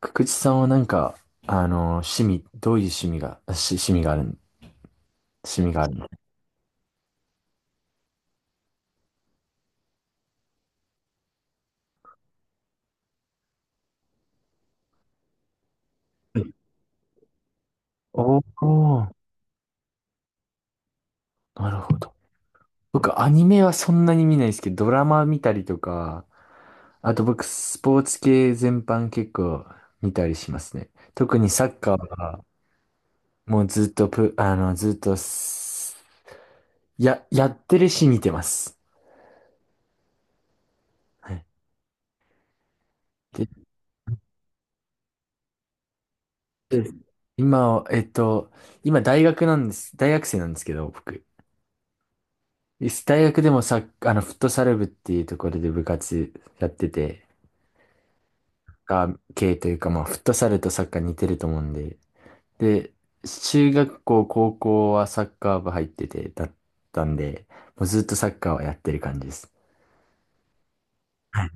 くくちさんはなんか、趣味、どういう趣味が、し、趣味がある、趣味があるのはいおー、なるほど。僕、アニメはそんなに見ないですけど、ドラマ見たりとか、あと僕、スポーツ系全般結構見たりしますね。特にサッカーは、もうずっとプ、あの、ずっとす、や、やってるし見てます。はい。で、で今は、今大学なんです。大学生なんですけど、僕。大学でもサッあの、フットサル部っていうところで部活やってて、が、系というか、まあ、フットサルとサッカー似てると思うんで、で、中学校、高校はサッカー部入ってて、だったんで、もうずっとサッカーはやってる感じです。はい。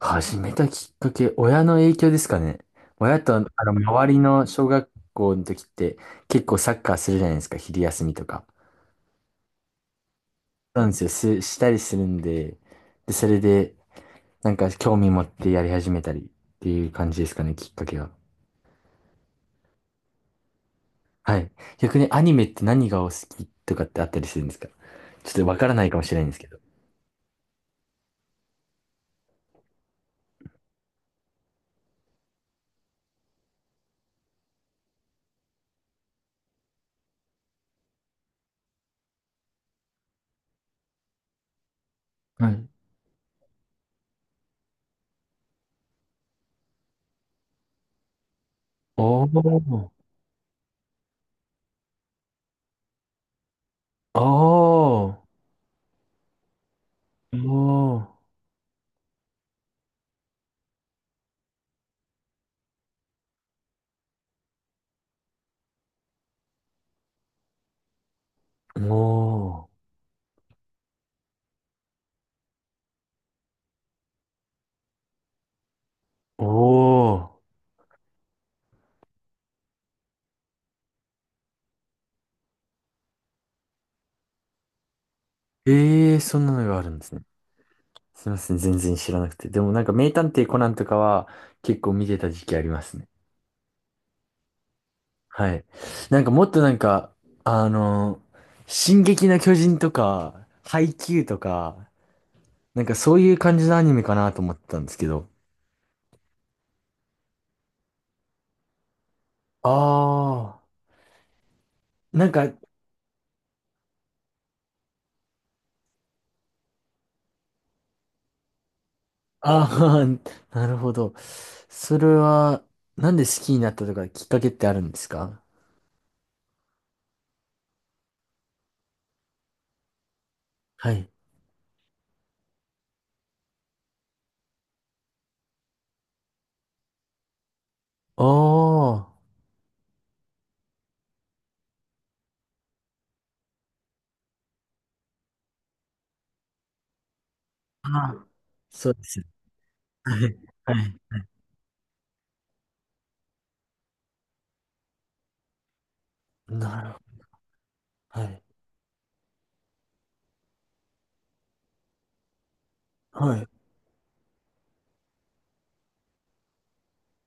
始めたきっかけ、親の影響ですかね。親と、あの、周りの小学校の時って、結構サッカーするじゃないですか、昼休みとか。なんですよ、す、したりするんで、で、それで、なんか興味持ってやり始めたりっていう感じですかね、きっかけは。はい。逆にアニメって何がお好きとかってあったりするんですか？ちょっとわからないかもしれないんですけど。はい。おー、おー、おー、おー、おー。ええー、そんなのがあるんですね。すいません、全然知らなくて。でもなんか名探偵コナンとかは結構見てた時期ありますね。はい。なんかもっとなんか、あの、進撃の巨人とか、ハイキューとか、なんかそういう感じのアニメかなと思ってたんですけど、あ、なんか、ああ、なるほど。それは、なんで好きになったとかきっかけってあるんですか？はい。あ、あ。あ。あ、そうですね。はい。はい。なるほど。はい。はい。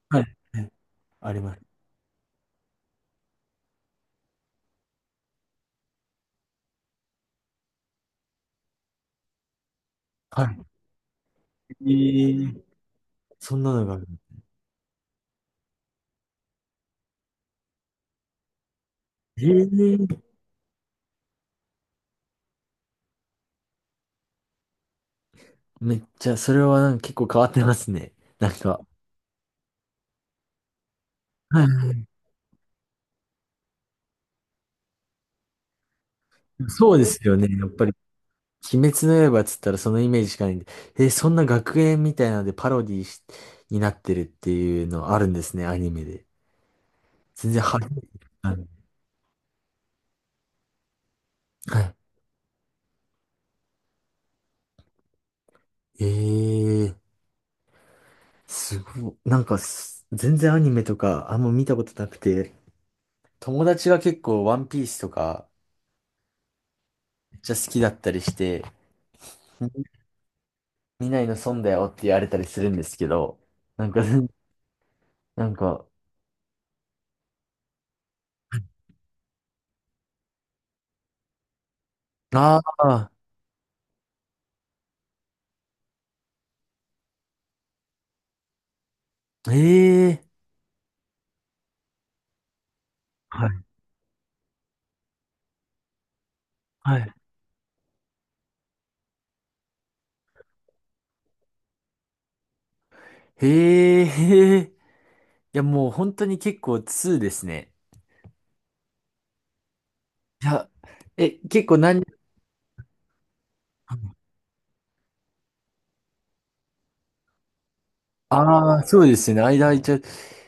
はい。はい。あります。はい。えー、そんなのがある。ええ。めっちゃ、それはなんか結構変わってますね。なんか。はい。そうですよね。やっぱり。鬼滅の刃っつったらそのイメージしかないんで、え、そんな学園みたいなのでパロディしになってるっていうのあるんですね、アニメで。全然初めて聞いたんで。はい。えー、すごい。なんかす、全然アニメとかあんま見たことなくて、友達が結構ワンピースとかめっちゃ好きだったりして、見ないの損だよって言われたりするんですけど、なんか、なんか、ああ、ええー、はい。はい。へえ、へえ。いや、もう本当に結構2ですね。いや、え、結構何、ああ、そうですね。間空いちゃう。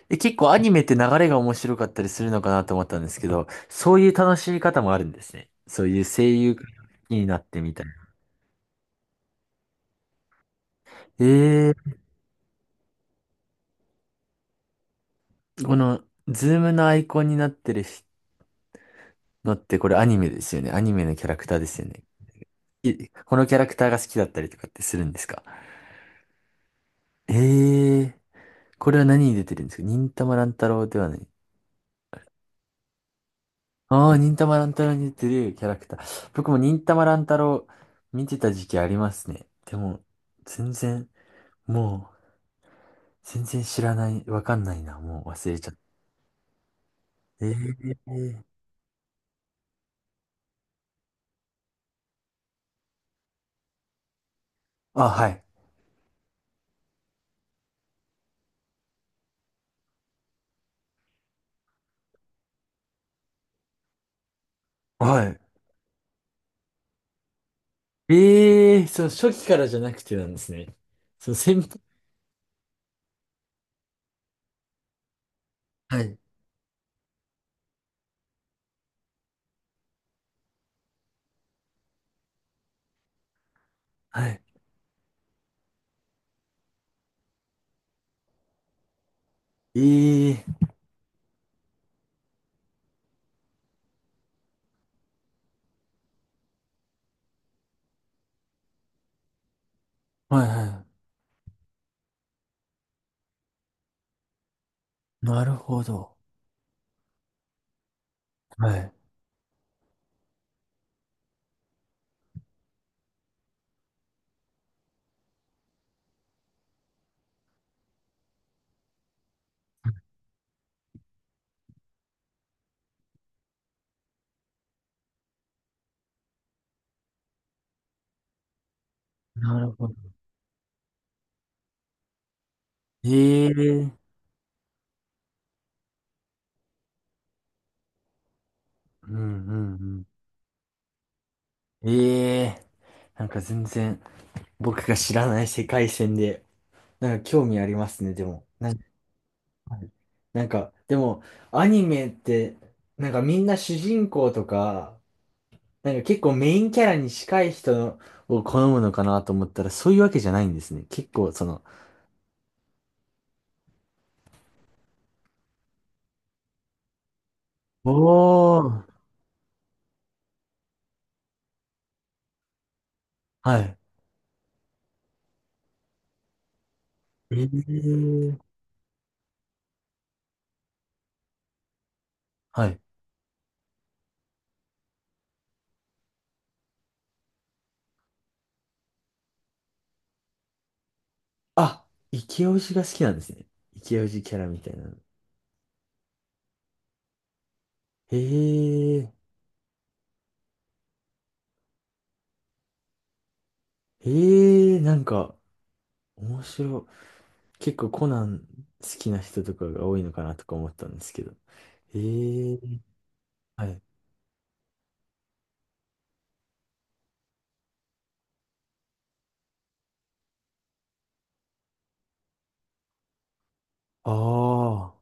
え、結構アニメって流れが面白かったりするのかなと思ったんですけど、そういう楽しみ方もあるんですね。そういう声優になってみたいな。えー、この、ズームのアイコンになってるのってこれアニメですよね。アニメのキャラクターですよね。い、このキャラクターが好きだったりとかってするんですか？えー、これは何に出てるんですか？忍たま乱太郎ではない。ああ、忍たま乱太郎に似てるキャラクター。僕も忍たま乱太郎見てた時期ありますね。でも、全然、もう、全然知らない、わかんないな。もう忘れちゃった。ええ。あ、はい。はい。ええ、そう、初期からじゃなくてなんですね。そう、先輩。はい。はい。ええ。はい。はい。なるほど。はい。なるほど。ええ。うんうんうん。ええ。なんか全然、僕が知らない世界線で、なんか興味ありますね、でも。なんか、はい。なんかでも、アニメって、なんかみんな主人公とか、なんか結構メインキャラに近い人を好むのかなと思ったら、そういうわけじゃないんですね。結構、その、おー、はい。えー、はい。あ、イケオジが好きなんですね。イケオジキャラみたいなの。へえ、へえ、なんか、面白い。結構コナン好きな人とかが多いのかなとか思ったんですけど。ええー。はい。ああ、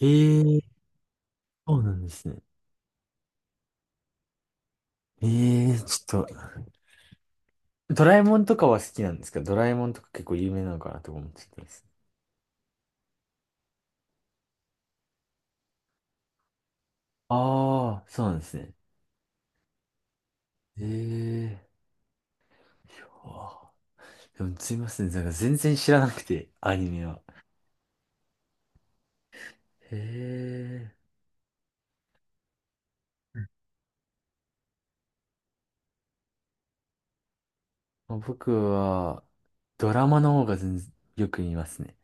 ええー、そうなんですね。ええー、ちょっと、ドラえもんとかは好きなんですか？ドラえもんとか結構有名なのかなとか思っちゃったんです。ああ、そうなんですね。ええー、いやー、でもすいません、なんか全然知らなくて、アニメは。ええー。まあ僕は、ドラマの方が全然よく見ますね。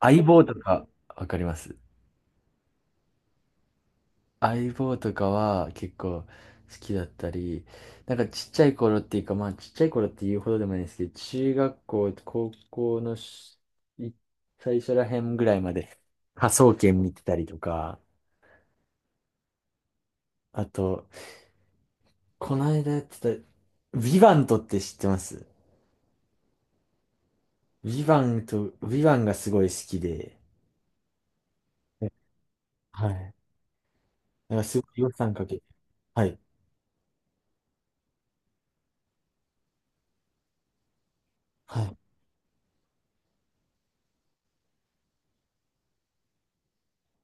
相棒とか、わかります？相棒とかは結構好きだったり、なんかちっちゃい頃っていうか、まあちっちゃい頃って言うほどでもないですけど、中学校、高校のい最初ら辺ぐらいまで科捜研見てたりとか、あと、この間やってた、ヴィヴァントって知ってます？ヴィヴァンと、ヴィヴァンがすごい好きで、え、はい。なんかすごい予算かけて、はい。はい。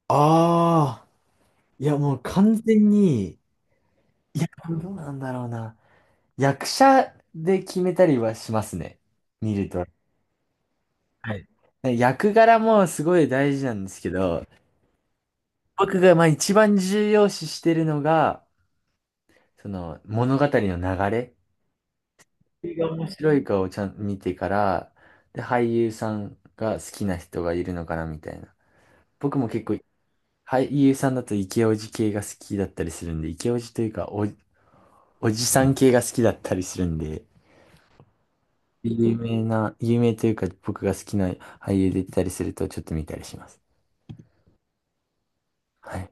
ああ、いやもう完全に、いや、どうなんだろうな。役者で決めたりはしますね。見ると。はい。ね、役柄もすごい大事なんですけど、僕がまあ一番重要視してるのが、その物語の流れ。それが面白いかをちゃんと見てから、で、俳優さんが好きな人がいるのかなみたいな。僕も結構、俳優さんだとイケオジ系が好きだったりするんで、イケオジというかお、おじさん系が好きだったりするんで、有名な、有名というか僕が好きな俳優出てたりするとちょっと見たりします。はい。